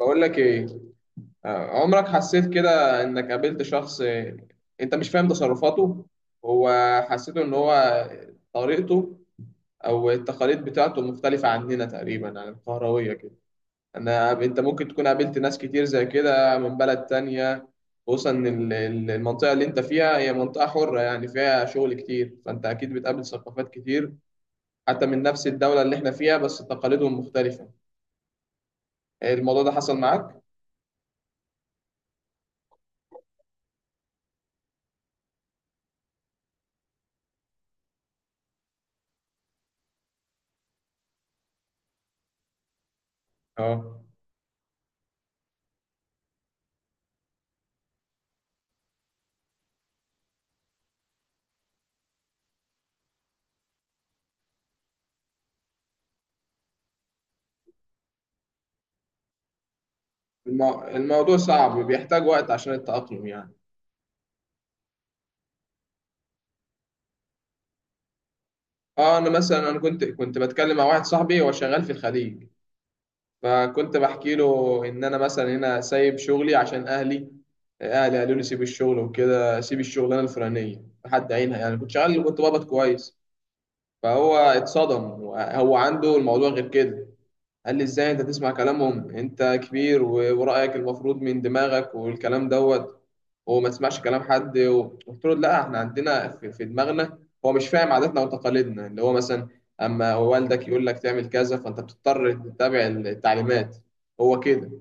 بقول لك ايه. عمرك حسيت كده انك قابلت شخص، انت مش فاهم تصرفاته؟ هو حسيته ان هو طريقته او التقاليد بتاعته مختلفة عننا تقريبا عن القهروية كده. انا انت ممكن تكون قابلت ناس كتير زي كده من بلد تانية، خصوصا إن المنطقة اللي انت فيها هي منطقة حرة، يعني فيها شغل كتير، فانت اكيد بتقابل ثقافات كتير حتى من نفس الدولة اللي احنا فيها بس تقاليدهم مختلفة. الموضوع ده حصل معاك؟ اه. الموضوع صعب وبيحتاج وقت عشان التأقلم يعني. اه انا مثلا انا كنت بتكلم مع واحد صاحبي، هو شغال في الخليج، فكنت بحكي له ان انا مثلا هنا سايب شغلي عشان اهلي. اهلي قالوا لي سيب الشغل وكده، سيب الشغلانه الفلانيه لحد عينها، يعني كنت شغال كنت بقبض كويس. فهو اتصدم، هو عنده الموضوع غير كده. قال لي ازاي انت تسمع كلامهم، انت كبير ورأيك المفروض من دماغك والكلام دوت، وما تسمعش كلام حد. قلت له لا، احنا عندنا في دماغنا. هو مش فاهم عاداتنا وتقاليدنا، اللي هو مثلا اما والدك يقول لك تعمل كذا فانت بتضطر تتبع التعليمات، هو كده.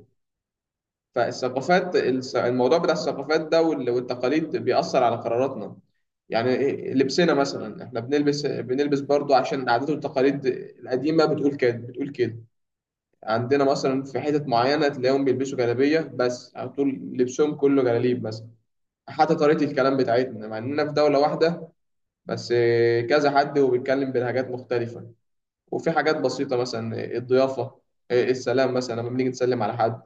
فالثقافات الموضوع بتاع الثقافات ده والتقاليد بيأثر على قراراتنا. يعني لبسنا مثلا، احنا بنلبس برضو عشان العادات والتقاليد القديمة بتقول كده بتقول كده. عندنا مثلا في حتت معينة تلاقيهم بيلبسوا جلابية بس على طول، لبسهم كله جلاليب مثلا. حتى طريقة الكلام بتاعتنا، مع إننا في دولة واحدة بس، كذا حد وبيتكلم بلهجات مختلفة. وفي حاجات بسيطة مثلا، الضيافة، السلام مثلا لما بنيجي نسلم على حد،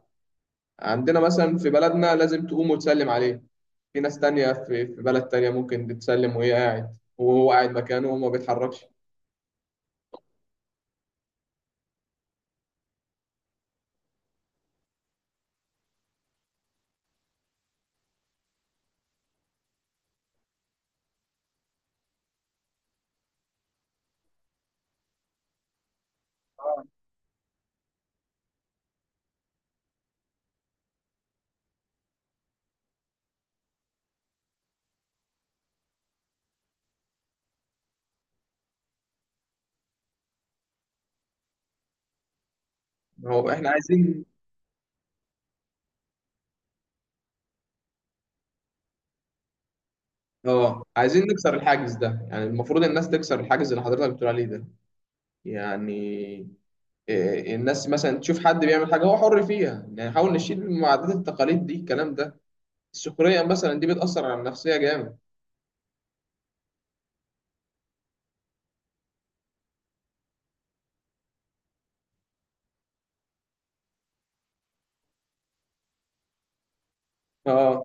عندنا مثلا في بلدنا لازم تقوم وتسلم عليه. في ناس تانية في في بلد تانية ممكن تسلم وهي قاعد، وهو قاعد مكانه وما بيتحركش. آه. هو احنا عايزين، اه عايزين نكسر الحاجز ده. يعني المفروض الناس تكسر الحاجز اللي حضرتك بتقول عليه ده يعني. الناس مثلا تشوف حد بيعمل حاجة هو حر فيها، يعني نحاول نشيل من عادات التقاليد دي الكلام ده. السخرية مثلا دي بتأثر على النفسية جامد. اه.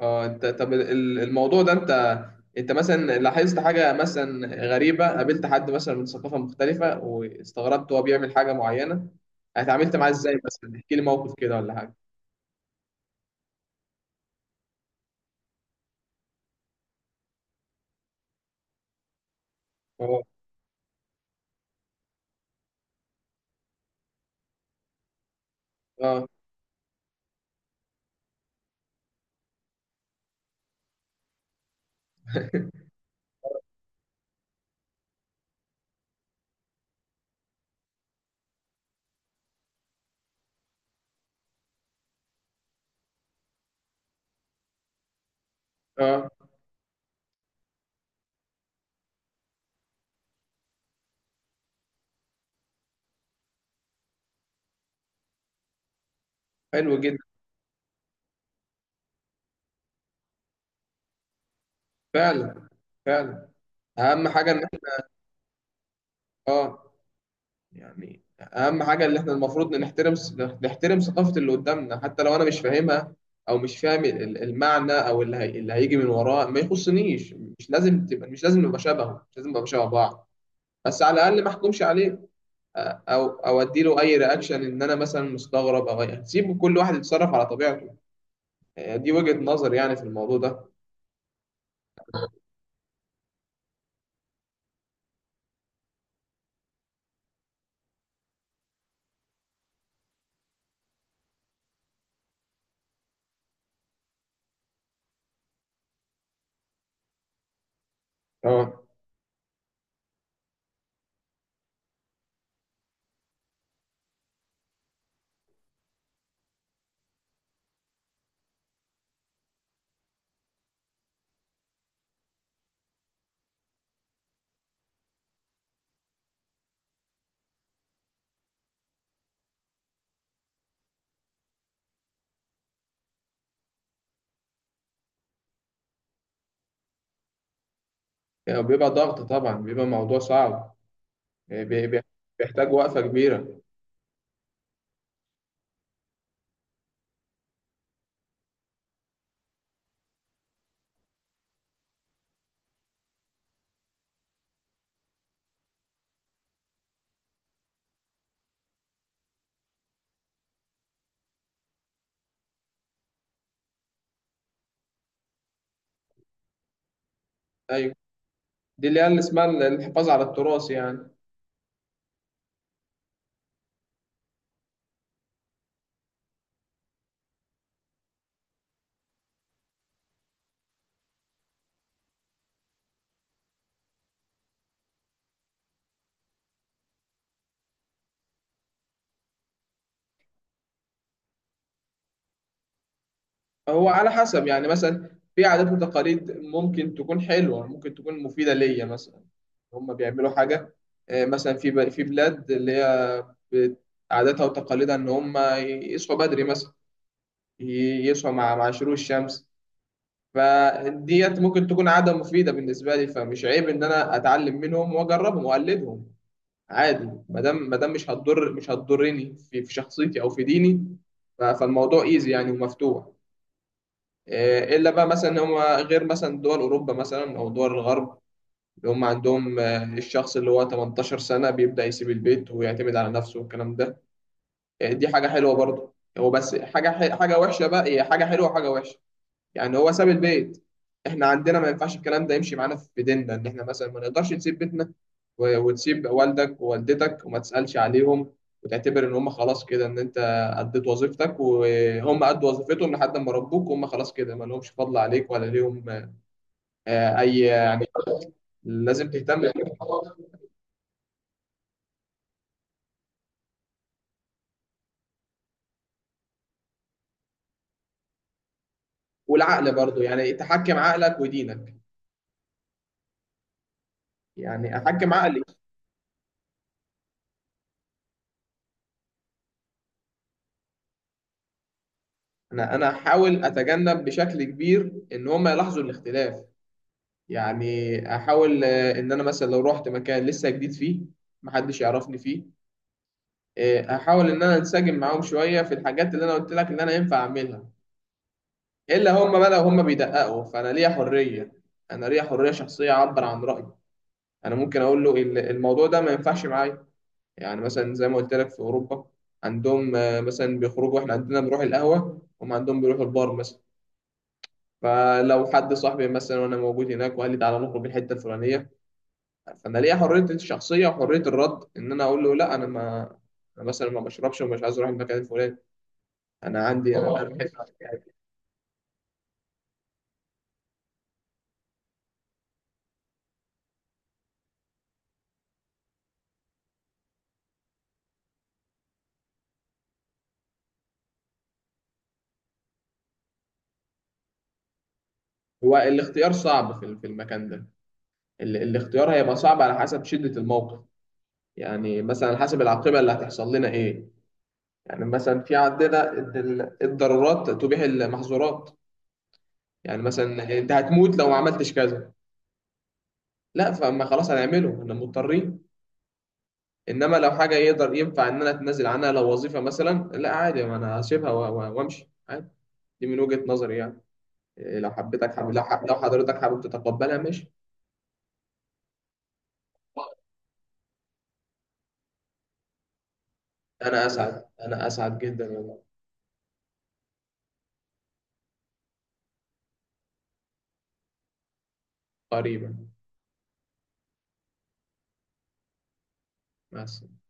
اه انت، طب الموضوع ده، انت انت مثلا لاحظت حاجة مثلا غريبة، قابلت حد مثلا من ثقافة مختلفة واستغربت هو بيعمل حاجة معينة؟ اتعاملت معاه ازاي مثلا؟ احكي لي موقف كده ولا حاجة. اه. اه. اه. حلو جدا. فعلا، فعلا. اهم حاجه ان احنا، اه، يعني اهم حاجه اللي احنا المفروض نحترم، نحترم ثقافه اللي قدامنا حتى لو انا مش فاهمها، او مش فاهم المعنى او اللي, اللي هيجي من وراه ما يخصنيش. مش لازم تبقى، مش لازم نبقى شبهه، مش لازم نبقى شبه بعض، بس على الاقل ما احكمش عليه. او او اديله اي رياكشن ان انا مثلا مستغرب، او سيبه كل واحد يتصرف على طبيعته. دي وجهه نظر يعني في الموضوع ده. اه. بيبقى ضغط طبعا، بيبقى موضوع صعب. آه، بي- بي- بيحتاج وقفه كبيره. ايوه. دي اللي هي اللي اسمها الحفاظ على التراث يعني. هو على حسب يعني. مثلا في عادات وتقاليد ممكن تكون حلوه، ممكن تكون مفيده ليا مثلا. هم بيعملوا حاجه، مثلا في في بلاد اللي هي بت- عاداتها وتقاليدها ان هم يصحوا بدري مثلا، يصحوا مع شروق الشمس. فديت ممكن تكون عاده مفيده بالنسبه لي، فمش عيب ان انا اتعلم منهم واجربهم واقلدهم عادي، ما دام مش هتضر، مش هتضرني في شخصيتي او في ديني. فالموضوع ايزي يعني ومفتوح. الا بقى مثلا هم غير مثلا دول اوروبا مثلا او دول الغرب، اللي هم عندهم، الشخص اللي هو 18 سنة سنه بيبدا يسيب البيت ويعتمد على نفسه والكلام ده. دي حاجه حلوه برضه هو، بس حاجه حاجه وحشه بقى، هي حاجه حلوه وحاجه وحشه. يعني هو ساب البيت. احنا عندنا ما ينفعش الكلام ده يمشي معانا في ديننا، ان احنا مثلا ما نقدرش نسيب بيتنا وتسيب والدك ووالدتك وما تسألش عليهم، وتعتبر ان هم خلاص كده ان انت اديت وظيفتك وهم ادوا وظيفتهم لحد ما ربوك وهم خلاص كده ما لهمش فضل عليك ولا ليهم. اي لازم تهتم بيهم. والعقل برضو، يعني تحكم عقلك ودينك، يعني احكم عقلي. انا، انا احاول اتجنب بشكل كبير ان هم يلاحظوا الاختلاف. يعني احاول، ان انا مثلا لو رحت مكان لسه جديد فيه محدش يعرفني فيه، احاول ان انا انسجم معاهم شويه في الحاجات اللي انا قلت لك ان انا ينفع اعملها. الا هم بقى لو هم بيدققوا، فانا ليا حريه، انا ليا حريه شخصيه اعبر عن رايي. انا ممكن اقول له الموضوع ده ما ينفعش معايا. يعني مثلا زي ما قلت لك في اوروبا، عندهم، مثلا بيخرجوا، احنا عندنا بنروح القهوه، هم عندهم بيروحوا البار مثلا. فلو حد صاحبي مثلا وانا موجود هناك وقال لي تعالى نخرج الحته الفلانيه، فانا ليا حريه الشخصيه وحريه الرد ان انا اقول له لا، انا ما، أنا مثلا ما بشربش ومش عايز اروح المكان الفلاني. انا عندي، انا طبعا، أنا طبعا. بحب يعني. هو الاختيار صعب في في المكان ده. الاختيار هيبقى صعب على حسب شده الموقف. يعني مثلا على حسب العاقبه اللي هتحصل لنا ايه. يعني مثلا في عندنا إن الضرورات تبيح المحظورات. يعني مثلا انت هتموت لو ما عملتش كذا، لا فما خلاص هنعمله، احنا مضطرين. انما لو حاجه يقدر ينفع ان انا اتنازل عنها، لو وظيفه مثلا، لا عادي ما انا هسيبها وامشي عادي. دي من وجهه نظري يعني. لو حبيتك لو حضرتك حابب تتقبلها ماشي. انا اسعد، انا اسعد جدا والله. قريبا. مع السلامه.